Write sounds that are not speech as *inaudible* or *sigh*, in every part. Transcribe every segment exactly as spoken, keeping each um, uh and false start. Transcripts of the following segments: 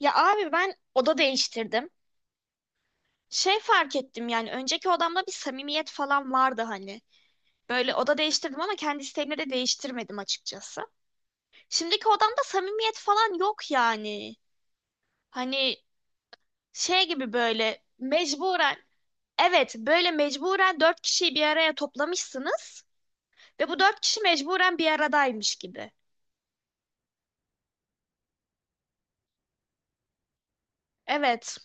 Ya abi ben oda değiştirdim. Şey fark ettim yani önceki odamda bir samimiyet falan vardı hani. Böyle oda değiştirdim ama kendi isteğimle de değiştirmedim açıkçası. Şimdiki odamda samimiyet falan yok yani. Hani şey gibi böyle mecburen, evet, böyle mecburen dört kişiyi bir araya toplamışsınız ve bu dört kişi mecburen bir aradaymış gibi. Evet.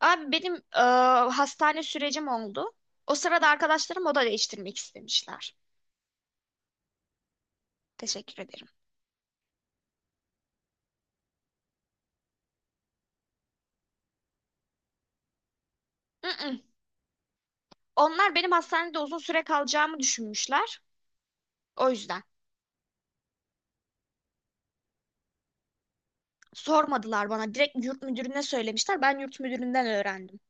Abi benim e, hastane sürecim oldu. O sırada arkadaşlarım oda değiştirmek istemişler. Teşekkür ederim. Mm-mm. Onlar benim hastanede uzun süre kalacağımı düşünmüşler. O yüzden sormadılar bana. Direkt yurt müdürüne söylemişler. Ben yurt müdüründen öğrendim.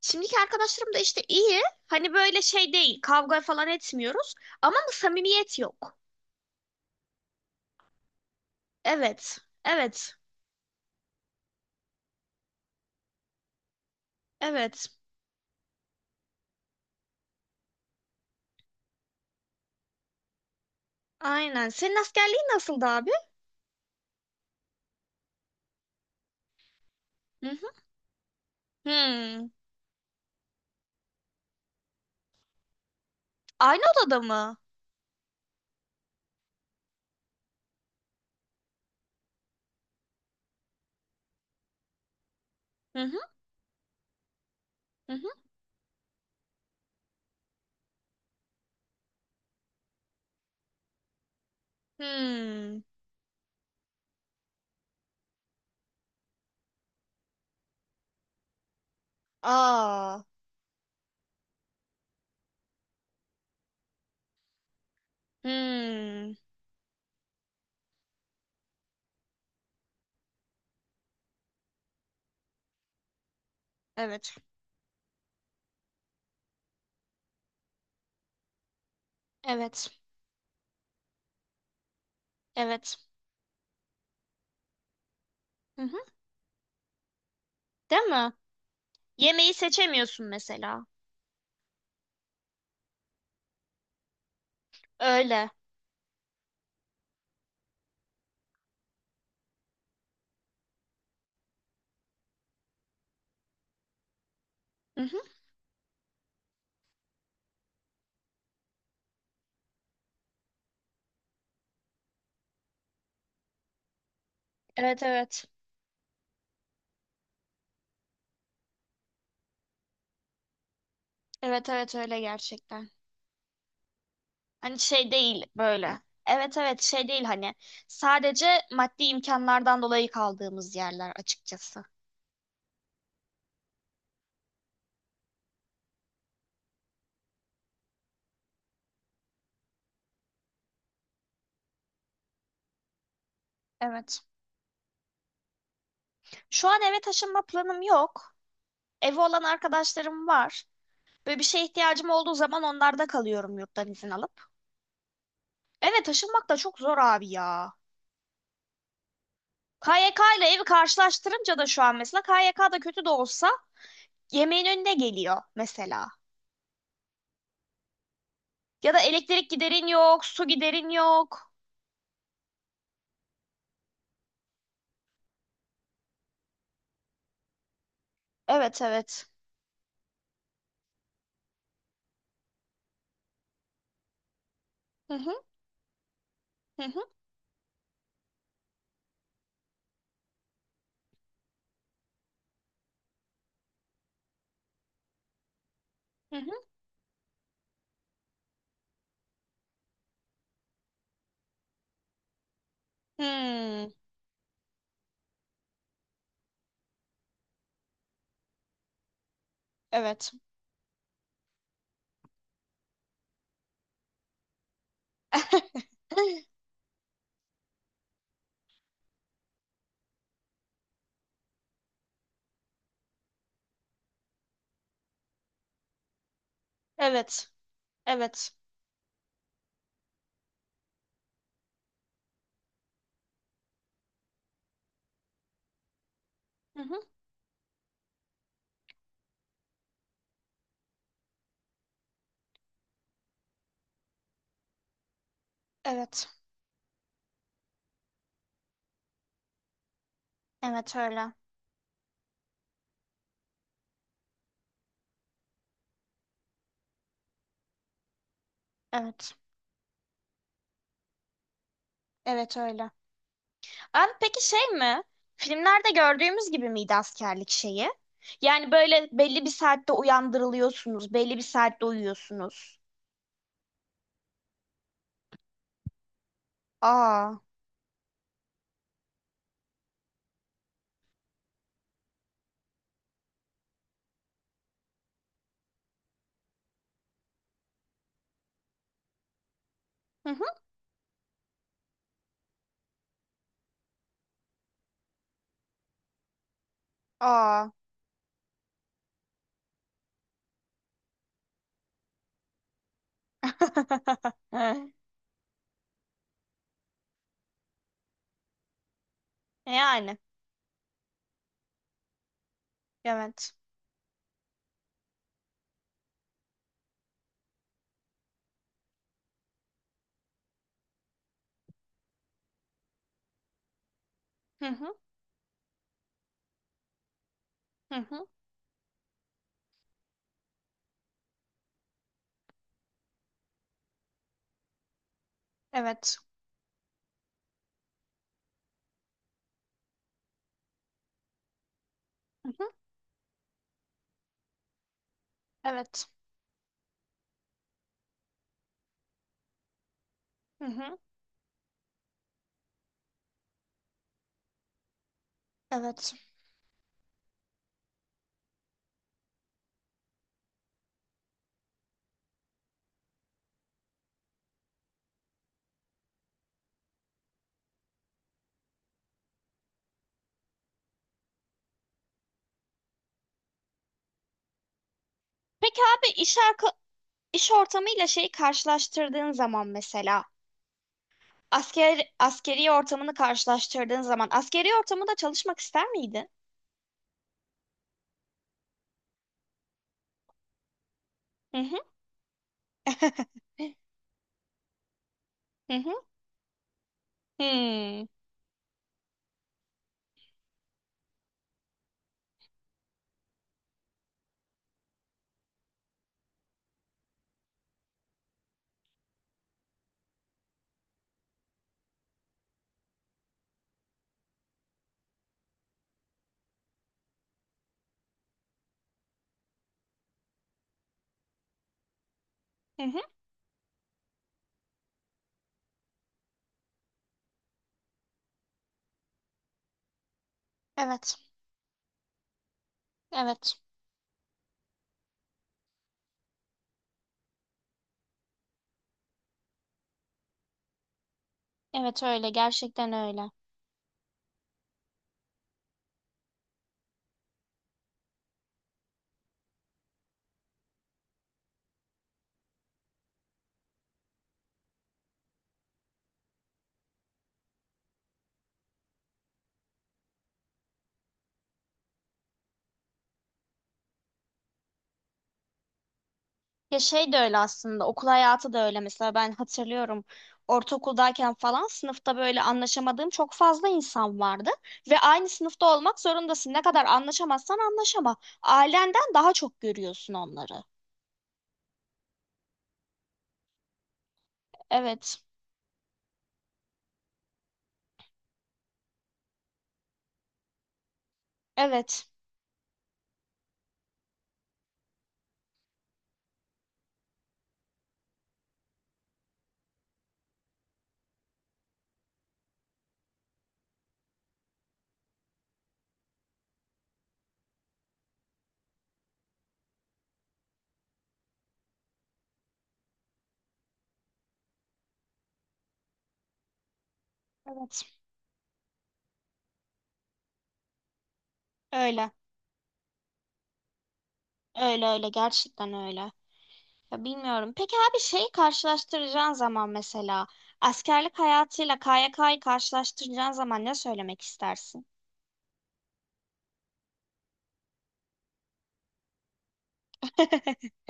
Şimdiki arkadaşlarım da işte iyi. Hani böyle şey değil. Kavga falan etmiyoruz. Ama bu samimiyet yok. Evet. Evet. Evet. Aynen. Senin askerliğin nasıldı abi? Hı hı. Hmm. Aynı odada mı? Hı hı. Hı hı. Hmm. Aa. Hmm. Evet. Evet. Evet. Hı hı. Değil mi? Yemeği seçemiyorsun mesela. Öyle. Mhm. Evet, evet. Evet, evet, öyle gerçekten. Hani şey değil böyle. Evet, evet, şey değil hani. Sadece maddi imkanlardan dolayı kaldığımız yerler açıkçası. Evet. Şu an eve taşınma planım yok. Evi olan arkadaşlarım var. Böyle bir şeye ihtiyacım olduğu zaman onlarda kalıyorum yurttan izin alıp. Eve taşınmak da çok zor abi ya. K Y K ile evi karşılaştırınca da şu an mesela K Y K da kötü de olsa yemeğin önüne geliyor mesela. Ya da elektrik giderin yok, su giderin yok. Evet, evet. Hı hı. Hı hı. Hı hı. Hmm, evet. *laughs* Evet. Evet. Hı hı. Evet. Evet öyle. Evet. Evet öyle. Abi peki şey mi? Filmlerde gördüğümüz gibi miydi askerlik şeyi? Yani böyle belli bir saatte uyandırılıyorsunuz, belli bir saatte uyuyorsunuz. Aa. Hı hı. Aa. *laughs* Yani. Evet. Hı hı. Hı hı. Evet. Hı hı. Evet. Hı hı. Evet. Peki abi iş, arka- iş ortamıyla şeyi karşılaştırdığın zaman mesela asker askeri ortamını karşılaştırdığın zaman askeri ortamında çalışmak ister miydin? Hı hı. *laughs* Hı hı. Hmm. Hı hı. Evet. Evet. Evet öyle. Gerçekten öyle. Ya şey de öyle aslında, okul hayatı da öyle mesela. Ben hatırlıyorum, ortaokuldayken falan sınıfta böyle anlaşamadığım çok fazla insan vardı ve aynı sınıfta olmak zorundasın, ne kadar anlaşamazsan anlaşama ailenden daha çok görüyorsun onları. Evet, evet, evet öyle, öyle, öyle gerçekten öyle. Ya bilmiyorum, peki abi şeyi karşılaştıracağın zaman mesela askerlik hayatıyla K Y K'yı karşılaştıracağın zaman ne söylemek istersin? *laughs*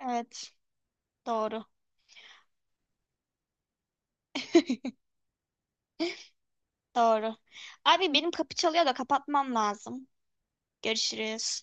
Evet, doğru. *laughs* Doğru. Abi benim kapı çalıyor da kapatmam lazım. Görüşürüz.